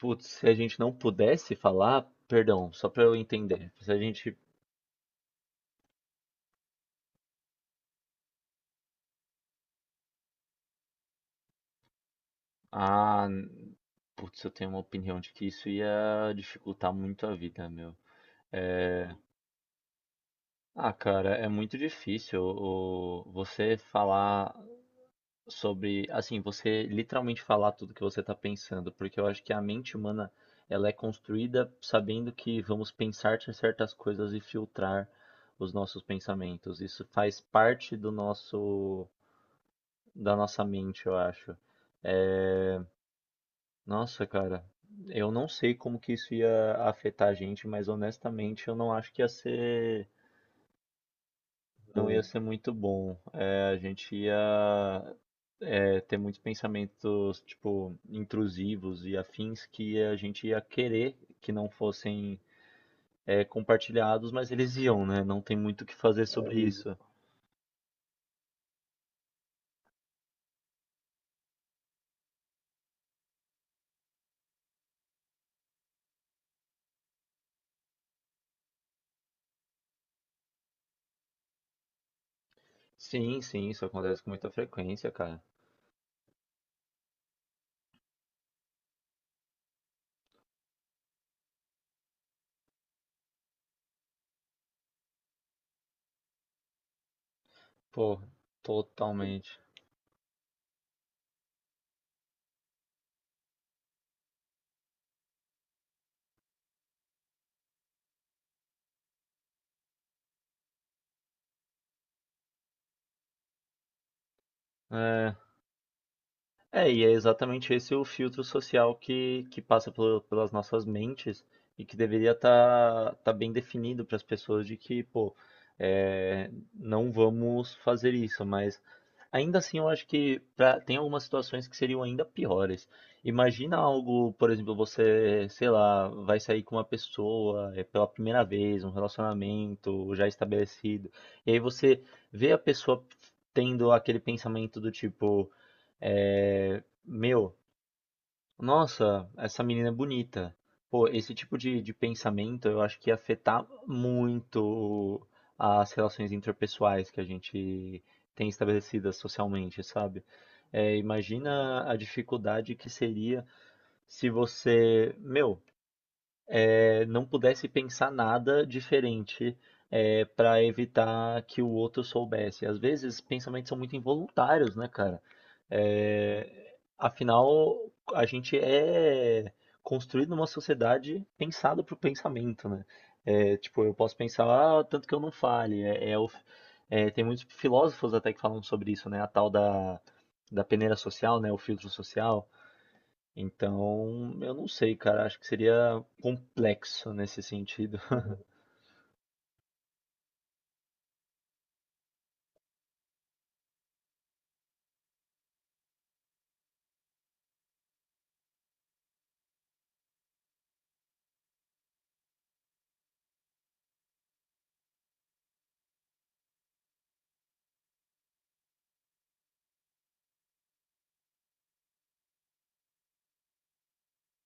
Putz, se a gente não pudesse falar, perdão, só pra eu entender. Se a gente. Ah, n- Putz, eu tenho uma opinião de que isso ia dificultar muito a vida, meu. É... Ah, cara, é muito difícil você falar sobre. Assim, você literalmente falar tudo que você tá pensando, porque eu acho que a mente humana ela é construída sabendo que vamos pensar certas coisas e filtrar os nossos pensamentos. Isso faz parte do nosso da nossa mente, eu acho. É, nossa, cara, eu não sei como que isso ia afetar a gente, mas honestamente eu não acho que não ia ser muito bom. É, a gente ia ter muitos pensamentos, tipo, intrusivos e afins que a gente ia querer que não fossem compartilhados, mas eles iam, né? Não tem muito o que fazer. É sobre isso. Sim, sim, isso acontece com muita frequência, cara. Pô, totalmente. É, é, e é exatamente esse o filtro social que passa pelas nossas mentes e que deveria estar tá bem definido para as pessoas de que, pô, é, não vamos fazer isso, mas ainda assim eu acho que tem algumas situações que seriam ainda piores. Imagina algo, por exemplo, você, sei lá, vai sair com uma pessoa, pela primeira vez, um relacionamento já estabelecido, e aí você vê a pessoa tendo aquele pensamento do tipo. É, meu, nossa, essa menina é bonita. Pô, esse tipo de pensamento eu acho que ia afetar muito as relações interpessoais que a gente tem estabelecidas socialmente, sabe? É, imagina a dificuldade que seria se você, meu, não pudesse pensar nada diferente, para evitar que o outro soubesse. Às vezes, pensamentos são muito involuntários, né, cara? Afinal, a gente é construído numa sociedade pensada pro pensamento, né? Tipo, eu posso pensar, ah, tanto que eu não fale. É, tem muitos filósofos até que falam sobre isso, né? Da peneira social, né? O filtro social. Então, eu não sei, cara. Acho que seria complexo nesse sentido.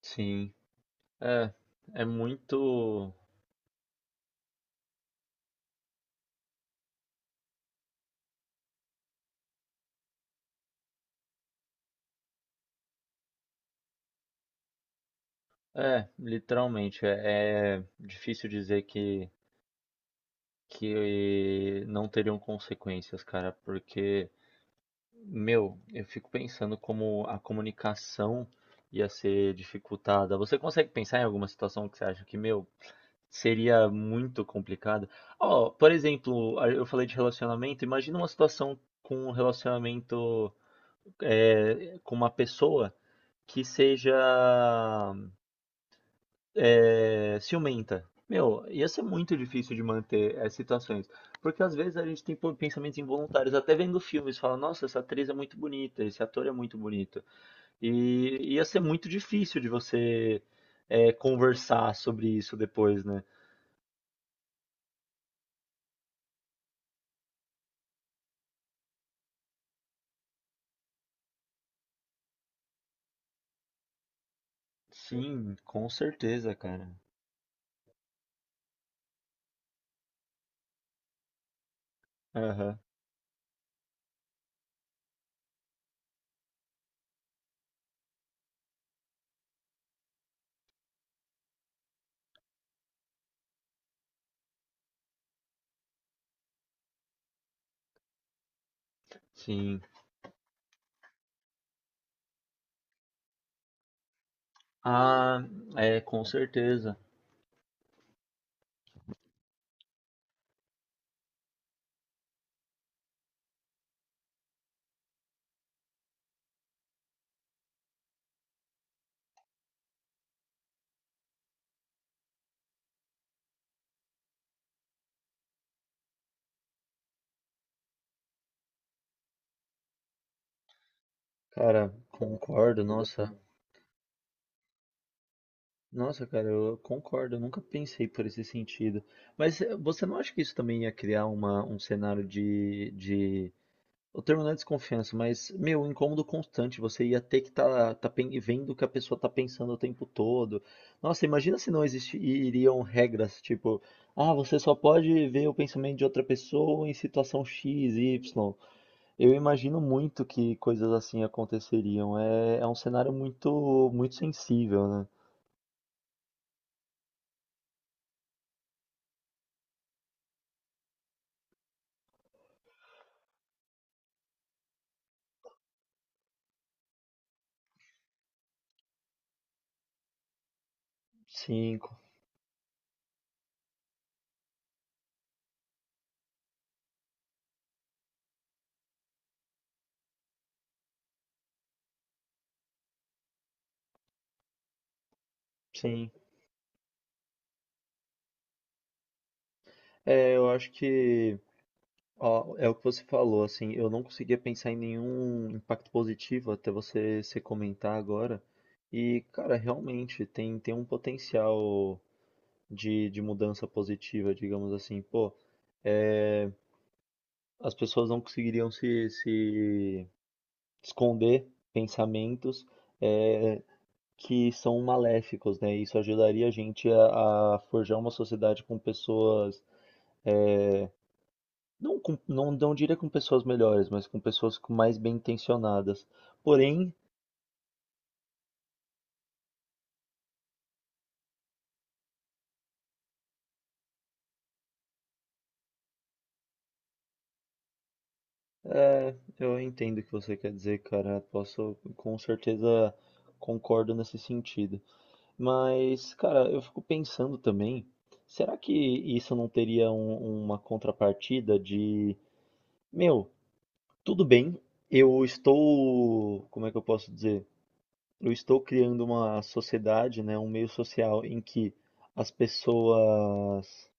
Sim. É, é muito. É, literalmente. É, é difícil dizer que não teriam consequências, cara, porque, meu, eu fico pensando como a comunicação ia ser dificultada. Você consegue pensar em alguma situação que você acha que, meu, seria muito complicado. Ó, por exemplo, eu falei de relacionamento. Imagina uma situação com um relacionamento com uma pessoa que seja ciumenta. Meu, ia ser muito difícil de manter essas situações. Porque às vezes a gente tem pensamentos involuntários, até vendo filmes, fala, nossa, essa atriz é muito bonita, esse ator é muito bonito. E ia ser muito difícil de você conversar sobre isso depois, né? Sim, com certeza, cara. Aham, sim. Ah, é, com certeza. Cara, concordo, nossa. Nossa, cara, eu concordo, eu nunca pensei por esse sentido. Mas você não acha que isso também ia criar um cenário de... O termo não é desconfiança, mas, meu, um incômodo constante. Você ia ter que estar vendo o que a pessoa tá pensando o tempo todo. Nossa, imagina se não existiriam regras, tipo, ah, você só pode ver o pensamento de outra pessoa em situação X, Y. Eu imagino muito que coisas assim aconteceriam. É, é um cenário muito, muito sensível, né? Sim, sim. É, eu acho que... Ó, é o que você falou, assim, eu não conseguia pensar em nenhum impacto positivo até você se comentar agora. E, cara, realmente tem um potencial de mudança positiva, digamos assim. Pô, é, as pessoas não conseguiriam se esconder pensamentos, é, que são maléficos, né? Isso ajudaria a gente a forjar uma sociedade com pessoas, é, não, com, não, não diria com pessoas melhores, mas com pessoas com mais bem intencionadas. Porém, eu entendo o que você quer dizer, cara. Posso, com certeza, concordo nesse sentido. Mas, cara, eu fico pensando também, será que isso não teria uma contrapartida de, meu, tudo bem, eu estou, como é que eu posso dizer? Eu estou criando uma sociedade, né, um meio social em que as pessoas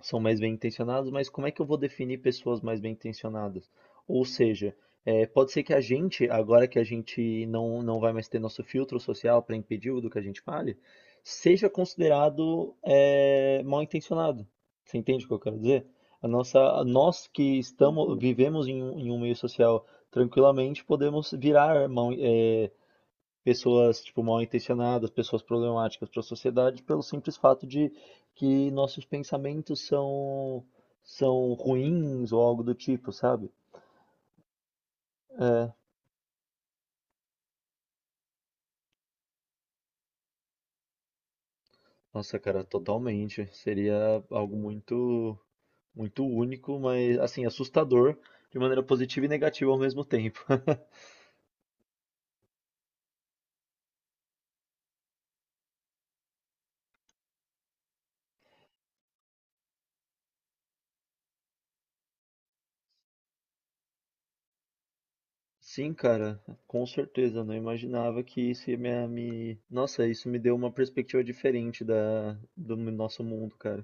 são mais bem intencionados, mas como é que eu vou definir pessoas mais bem intencionadas? Ou seja, pode ser que a gente, agora que a gente não vai mais ter nosso filtro social para impedir o do que a gente fale, seja considerado mal intencionado. Você entende o que eu quero dizer? A nossa, nós que estamos, vivemos em em um meio social tranquilamente, podemos virar mal, pessoas tipo mal intencionadas, pessoas problemáticas para a sociedade, pelo simples fato de que nossos pensamentos são ruins ou algo do tipo, sabe? É. Nossa, cara, totalmente. Seria algo muito muito único, mas assim, assustador de maneira positiva e negativa ao mesmo tempo. Sim, cara, com certeza. Eu não imaginava que isso ia me- Nossa, isso me deu uma perspectiva diferente da, do nosso mundo, cara.